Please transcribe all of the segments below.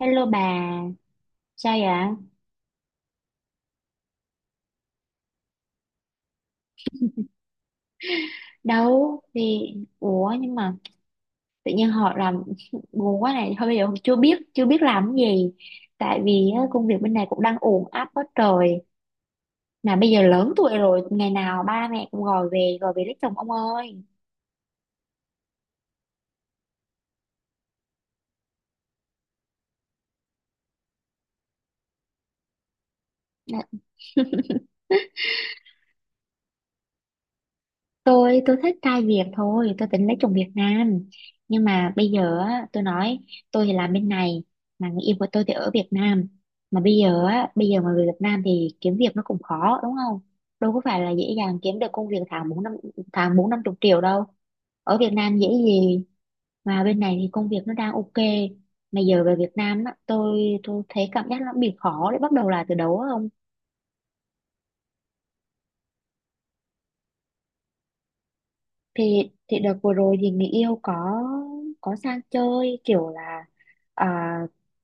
Hello bà, sao vậy? Đâu thì ủa nhưng mà tự nhiên họ làm buồn quá này, thôi bây giờ chưa biết làm cái gì. Tại vì á, công việc bên này cũng đang ùn áp quá trời. Mà bây giờ lớn tuổi rồi, ngày nào ba mẹ cũng gọi về lấy chồng ông ơi. Tôi thích trai Việt thôi, tôi tính lấy chồng Việt Nam, nhưng mà bây giờ á, tôi nói tôi thì làm bên này, mà người yêu của tôi thì ở Việt Nam. Mà bây giờ á, bây giờ mà người Việt Nam thì kiếm việc nó cũng khó, đúng không? Đâu có phải là dễ dàng kiếm được công việc tháng bốn năm chục triệu đâu, ở Việt Nam dễ gì. Mà bên này thì công việc nó đang ok, mà giờ về Việt Nam á, tôi thấy cảm giác nó bị khó để bắt đầu lại từ đầu á ông. Thì đợt vừa rồi thì người yêu có sang chơi, kiểu là à,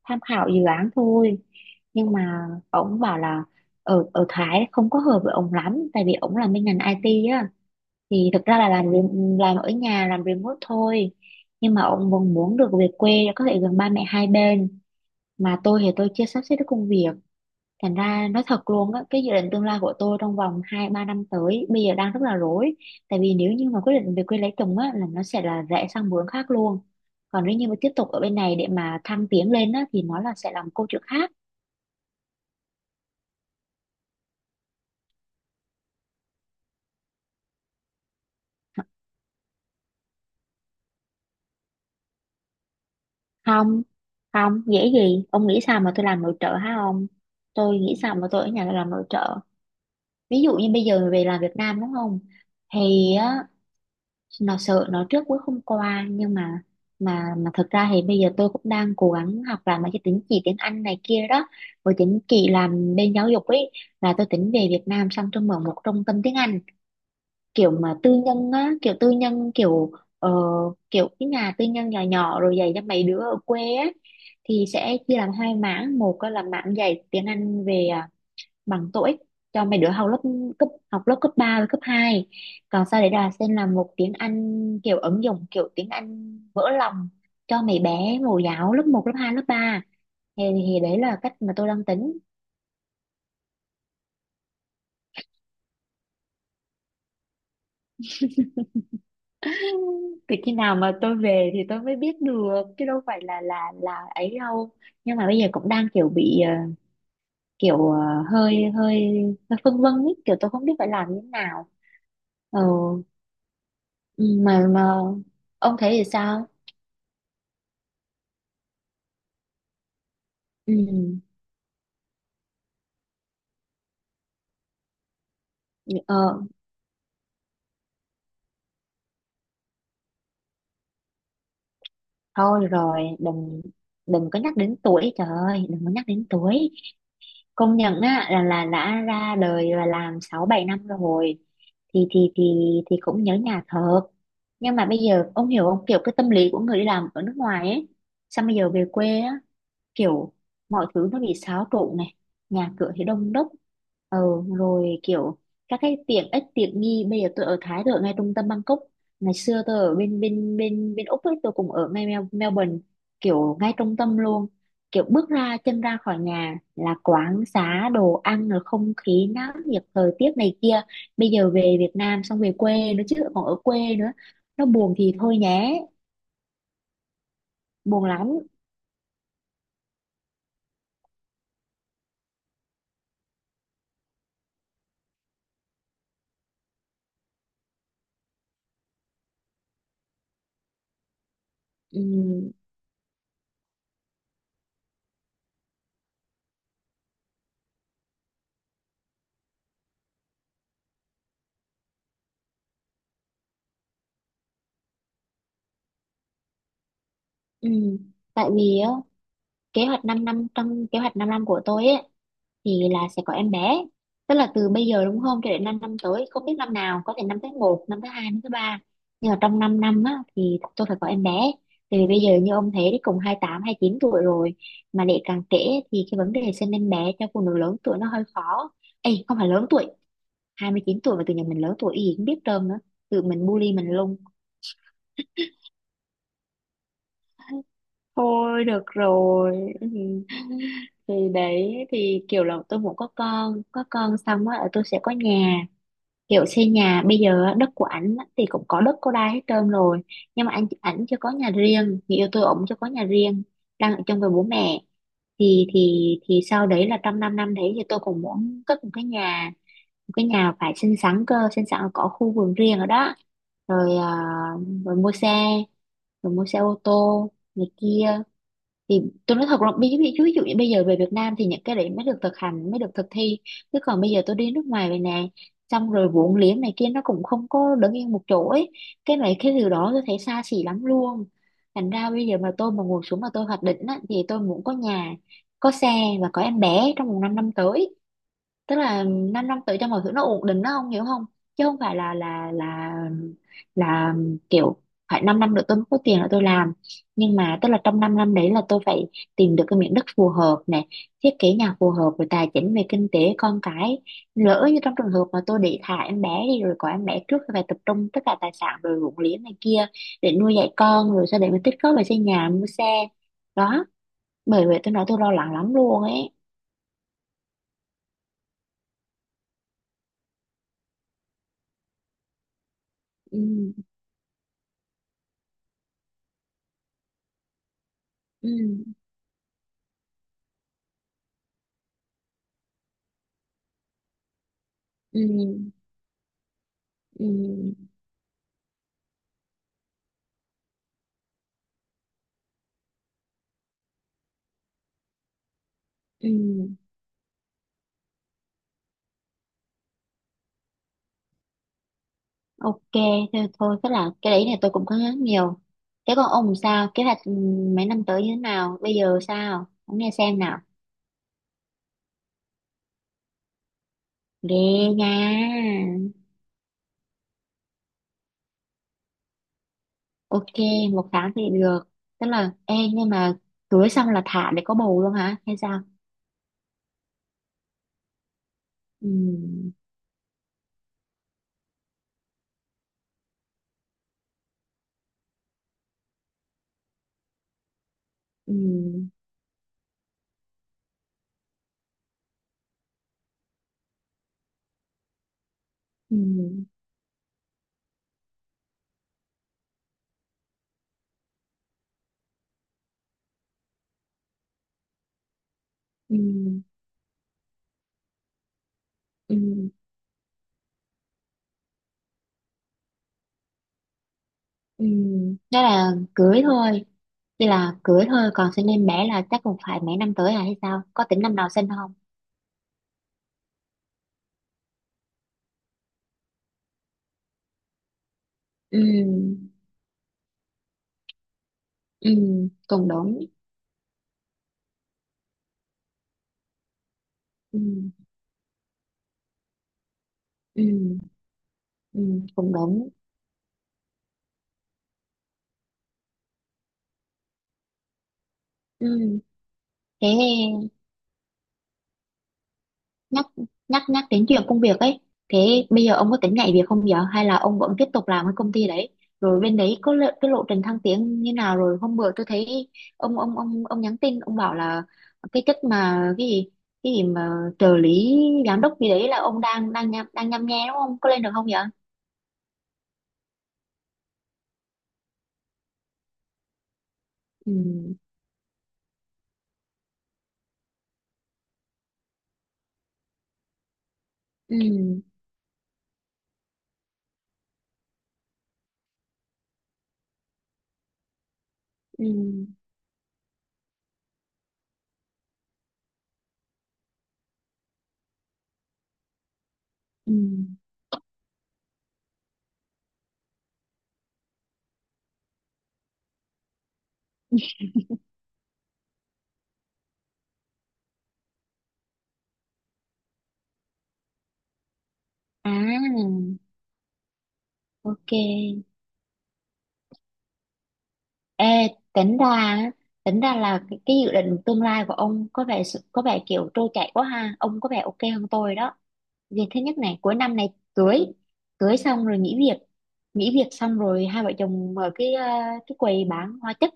tham khảo dự án thôi, nhưng mà ổng bảo là ở ở Thái không có hợp với ổng lắm, tại vì ổng làm bên ngành IT á, thì thực ra là làm ở nhà, làm remote thôi. Nhưng mà ổng vẫn muốn được về quê để có thể gần ba mẹ hai bên, mà tôi thì tôi chưa sắp xếp được công việc. Thành ra nói thật luôn á, cái dự định tương lai của tôi trong vòng hai ba năm tới bây giờ đang rất là rối. Tại vì nếu như mà quyết định về quê lấy chồng á, là nó sẽ là rẽ sang hướng khác luôn. Còn nếu như mà tiếp tục ở bên này để mà thăng tiến lên á, thì nó là sẽ làm câu chuyện khác. Không, không, dễ gì. Ông nghĩ sao mà tôi làm nội trợ hả ông? Tôi nghĩ sao mà tôi ở nhà làm nội trợ. Ví dụ như bây giờ về làm Việt Nam đúng không? Thì á, nó sợ nó trước cuối không qua, nhưng mà mà thực ra thì bây giờ tôi cũng đang cố gắng học làm mấy cái tín chỉ tiếng Anh này kia đó, với tín chỉ làm bên giáo dục ấy, là tôi tính về Việt Nam xong tôi mở một trung tâm tiếng Anh, kiểu mà tư nhân á, kiểu tư nhân, kiểu ờ, kiểu cái nhà tư nhân nhỏ nhỏ rồi dạy cho mấy đứa ở quê á. Thì sẽ chia làm hai mảng, một á là mảng dạy tiếng Anh về bằng TOEIC cho mấy đứa học lớp cấp, học lớp cấp 3 và cấp hai. Còn sau đấy là xem là một tiếng Anh kiểu ứng dụng, kiểu tiếng Anh vỡ lòng cho mấy bé mẫu giáo lớp một lớp 2 lớp ba. Thì đấy là cách mà tôi đang tính. Từ khi nào mà tôi về thì tôi mới biết được chứ đâu phải là là ấy đâu. Nhưng mà bây giờ cũng đang kiểu bị kiểu hơi hơi hơi phân vân ấy, kiểu tôi không biết phải làm như thế nào. ờ ừ, mà ông thấy thì sao? Ừ, ờ, thôi rồi, đừng, đừng có nhắc đến tuổi, trời ơi, đừng có nhắc đến tuổi. Công nhận á là đã ra đời và làm sáu bảy năm rồi, thì thì cũng nhớ nhà thật. Nhưng mà bây giờ ông hiểu không, kiểu cái tâm lý của người đi làm ở nước ngoài ấy, sao bây giờ về quê á, kiểu mọi thứ nó bị xáo trộn này, nhà cửa thì đông đúc, ờ, rồi kiểu các cái tiện ích tiện nghi. Bây giờ tôi ở Thái, tôi ở ngay trung tâm Bangkok, ngày xưa tôi ở bên bên bên bên Úc ấy, tôi cũng ở ngay Melbourne, kiểu ngay trung tâm luôn, kiểu bước ra chân ra khỏi nhà là quán xá đồ ăn rồi không khí náo nhiệt, thời tiết này kia. Bây giờ về Việt Nam xong về quê nữa chứ, còn ở quê nữa nó buồn thì thôi nhé, buồn lắm. Ừ, ừ. Tại vì á, kế hoạch 5 năm, trong kế hoạch 5 năm của tôi ấy, thì là sẽ có em bé. Tức là từ bây giờ đúng không, cho đến 5 năm tới, không biết năm nào, có thể năm tới, một năm tới, hai năm tới ba, nhưng mà trong 5 năm á, thì tôi phải có em bé. Tại vì bây giờ như ông thấy đấy, cùng hai tám, hai chín tuổi rồi, mà để càng trễ thì cái vấn đề sinh em bé cho phụ nữ lớn tuổi nó hơi khó. Ê, không phải lớn tuổi, 29 tuổi mà tự nhiên mình lớn tuổi gì cũng biết trơn nữa, tự mình bully mình luôn. Thôi được rồi. Ừ. Thì đấy, thì kiểu là tôi muốn có con, có con xong á, tôi sẽ có nhà, kiểu xây nhà. Bây giờ á, đất của ảnh á, thì cũng có đất có đai hết trơn rồi, nhưng mà ảnh chưa có nhà riêng, người yêu tôi ổng chưa có nhà riêng, đang ở chung với bố mẹ. Thì sau đấy là trong 5 năm năm đấy thì tôi cũng muốn cất một cái nhà, một cái nhà phải xinh xắn cơ, xinh xắn là có khu vườn riêng ở đó, rồi rồi mua xe rồi mua xe ô tô này kia. Thì tôi nói thật là ví ví- ví dụ như bây giờ về Việt Nam thì những cái đấy mới được thực hành, mới được thực thi, chứ còn bây giờ tôi đi nước ngoài về nè, xong rồi vốn liếng này kia nó cũng không có đứng yên một chỗ ấy, cái này cái điều đó tôi thấy xa xỉ lắm luôn. Thành ra bây giờ mà tôi mà ngồi xuống mà tôi hoạch định á, thì tôi muốn có nhà, có xe và có em bé trong vòng 5 năm năm tới, tức là 5 năm năm tới cho mọi thứ nó ổn định nó, không hiểu không? Chứ không phải là là kiểu phải 5 năm năm nữa tôi mới có tiền là tôi làm, nhưng mà tức là trong 5 năm năm đấy là tôi phải tìm được cái miếng đất phù hợp này, thiết kế nhà phù hợp, rồi tài chính về kinh tế, con cái. Lỡ như trong trường hợp mà tôi để thả em bé đi, rồi có em bé trước, thì phải tập trung tất cả tài sản rồi ruộng liếng này kia để nuôi dạy con, rồi sau đấy mới tích góp về xây nhà mua xe đó. Bởi vậy tôi nói tôi lo lắng lắm luôn ấy. Ừ, ừ, ừ. Ừ, ừ, ok, thế thôi, tức là cái đấy này tôi cũng có nhớ nhiều. Thế còn ông sao, kế hoạch ừ, mấy năm tới như thế nào bây giờ, sao ông nghe xem nào. Ghê nha. Ok, một tháng thì được, tức là ê nhưng mà cưới xong là thả để có bầu luôn hả hay sao? Ừ, ừ, ừ, ừ, ừ, ừ. Đó là cưới thôi, chỉ là cưới thôi, còn sinh em bé là chắc cũng phải mấy năm tới à hay sao, có tính năm nào sinh không? Ừ. Ừ. Cũng đúng. Ừ. Ừ. Ừ. Cũng đúng. Ừ. Thế, nhắc nhắc nhắc đến chuyện công việc ấy, thế bây giờ ông có tính nhảy việc không giờ, hay là ông vẫn tiếp tục làm cái công ty đấy? Rồi bên đấy có lộ, cái lộ trình thăng tiến như nào? Rồi hôm bữa tôi thấy ông nhắn tin, ông bảo là cái chức mà cái gì, cái gì mà trợ lý giám đốc gì đấy là ông đang đang nhăm nhe, đúng không? Có lên được không vậy? Ừ. Ừ. Ừ. Ừ. À. Ok. Ê, tính ra á, tính ra là cái dự định tương lai của ông có vẻ có vẻ kiểu trôi chảy quá ha, ông có vẻ ok hơn tôi đó. Việc thứ nhất này, cuối năm này cưới, cưới xong rồi nghỉ việc, nghỉ việc xong rồi hai vợ chồng mở cái cái quầy bán hóa chất.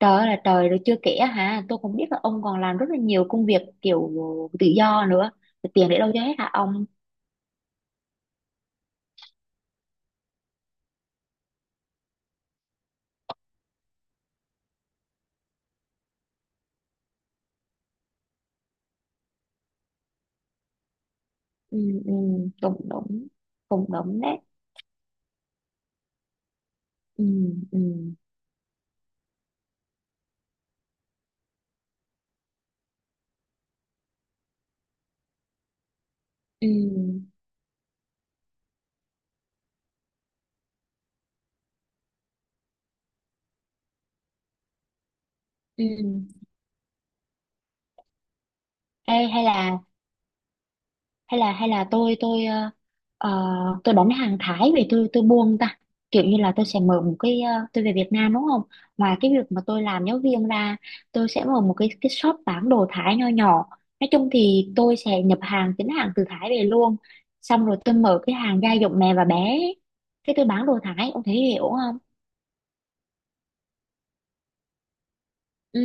Trời ơi là trời, rồi chưa kể á hả, tôi cũng biết là ông còn làm rất là nhiều công việc kiểu tự do nữa. Thì tiền để đâu cho hết hả ông? Ừ, ừ, cũng đúng, cũng đúng đấy. Ừ, ừ, ừ, ừ. Ê, hay là tôi ờ, tôi đánh hàng Thái về, tôi buông ta, kiểu như là tôi sẽ mở một cái tôi về Việt Nam đúng không, ngoài cái việc mà tôi làm giáo viên ra, tôi sẽ mở một cái shop bán đồ Thái nho nhỏ. Nói chung thì tôi sẽ nhập hàng chính hàng từ Thái về luôn, xong rồi tôi mở cái hàng gia dụng mẹ và bé, cái tôi bán đồ Thái, ông thấy hiểu không? Ừ.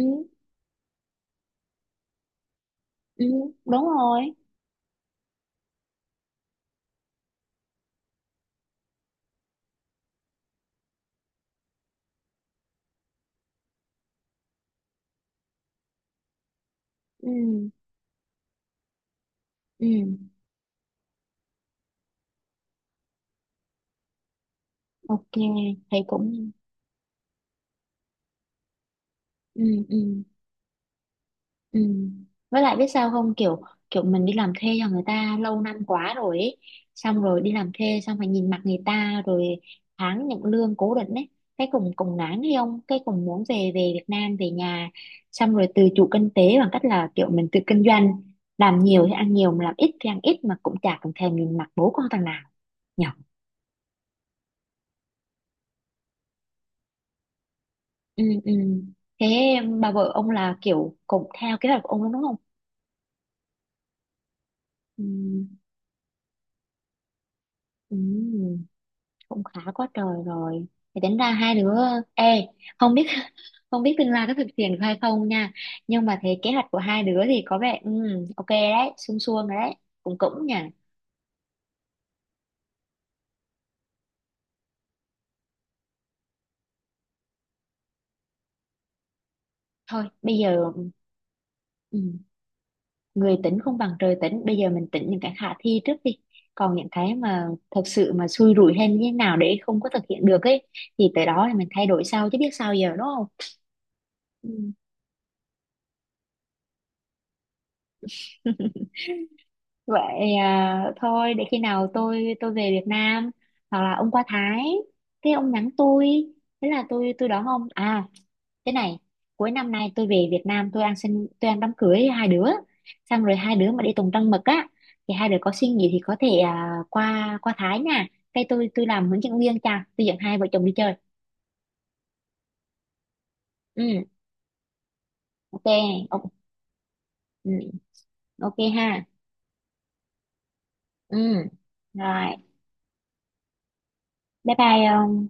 Ừ. Đúng rồi. Ừ. Ừ. Ok, thầy cũng ừ ừ. Ừ. Với lại biết sao không, kiểu kiểu mình đi làm thuê cho người ta lâu năm quá rồi ấy. Xong rồi đi làm thuê xong phải nhìn mặt người ta rồi, tháng nhận lương cố định ấy, cái cùng cùng ngán hay không, cái cùng muốn về về Việt Nam về nhà, xong rồi tự chủ kinh tế bằng cách là kiểu mình tự kinh doanh, làm nhiều thì ăn nhiều mà làm ít thì ăn ít, mà cũng chả cần thèm nhìn mặt bố con thằng nào, nhỉ? Ừ, ừ. Thế bà vợ ông là kiểu cũng theo kế hoạch của ông luôn đúng không? Ừ, ừ. Cũng khá quá trời rồi. Thì tính ra hai đứa, ê, không biết không biết tương lai có thực hiện được hay không nha, nhưng mà thấy kế hoạch của hai đứa thì có vẻ ừ, ok đấy, suông suông rồi đấy, cũng cũng nha. Thôi bây giờ ừ, người tính không bằng trời tính, bây giờ mình tính những cái khả thi trước đi, còn những cái mà thật sự mà xui rủi hay như thế nào để không có thực hiện được ấy, thì tới đó thì mình thay đổi sau chứ biết sao giờ, đúng không? Ừ. Vậy à, thôi để khi nào tôi về Việt Nam, hoặc là ông qua Thái thế ông nhắn tôi, thế là tôi đón ông à. Thế này, cuối năm nay tôi về Việt Nam tôi ăn sinh, tôi ăn đám cưới hai đứa, xong rồi hai đứa mà đi tùng trăng mật á, thì hai đứa có suy nghĩ thì có thể qua qua Thái nha, cái tôi làm hướng dẫn viên, cha tôi dẫn hai vợ chồng đi chơi. Ừ. Ok. Ok, ừ, ok ha. Ừ. Rồi. Bye bye.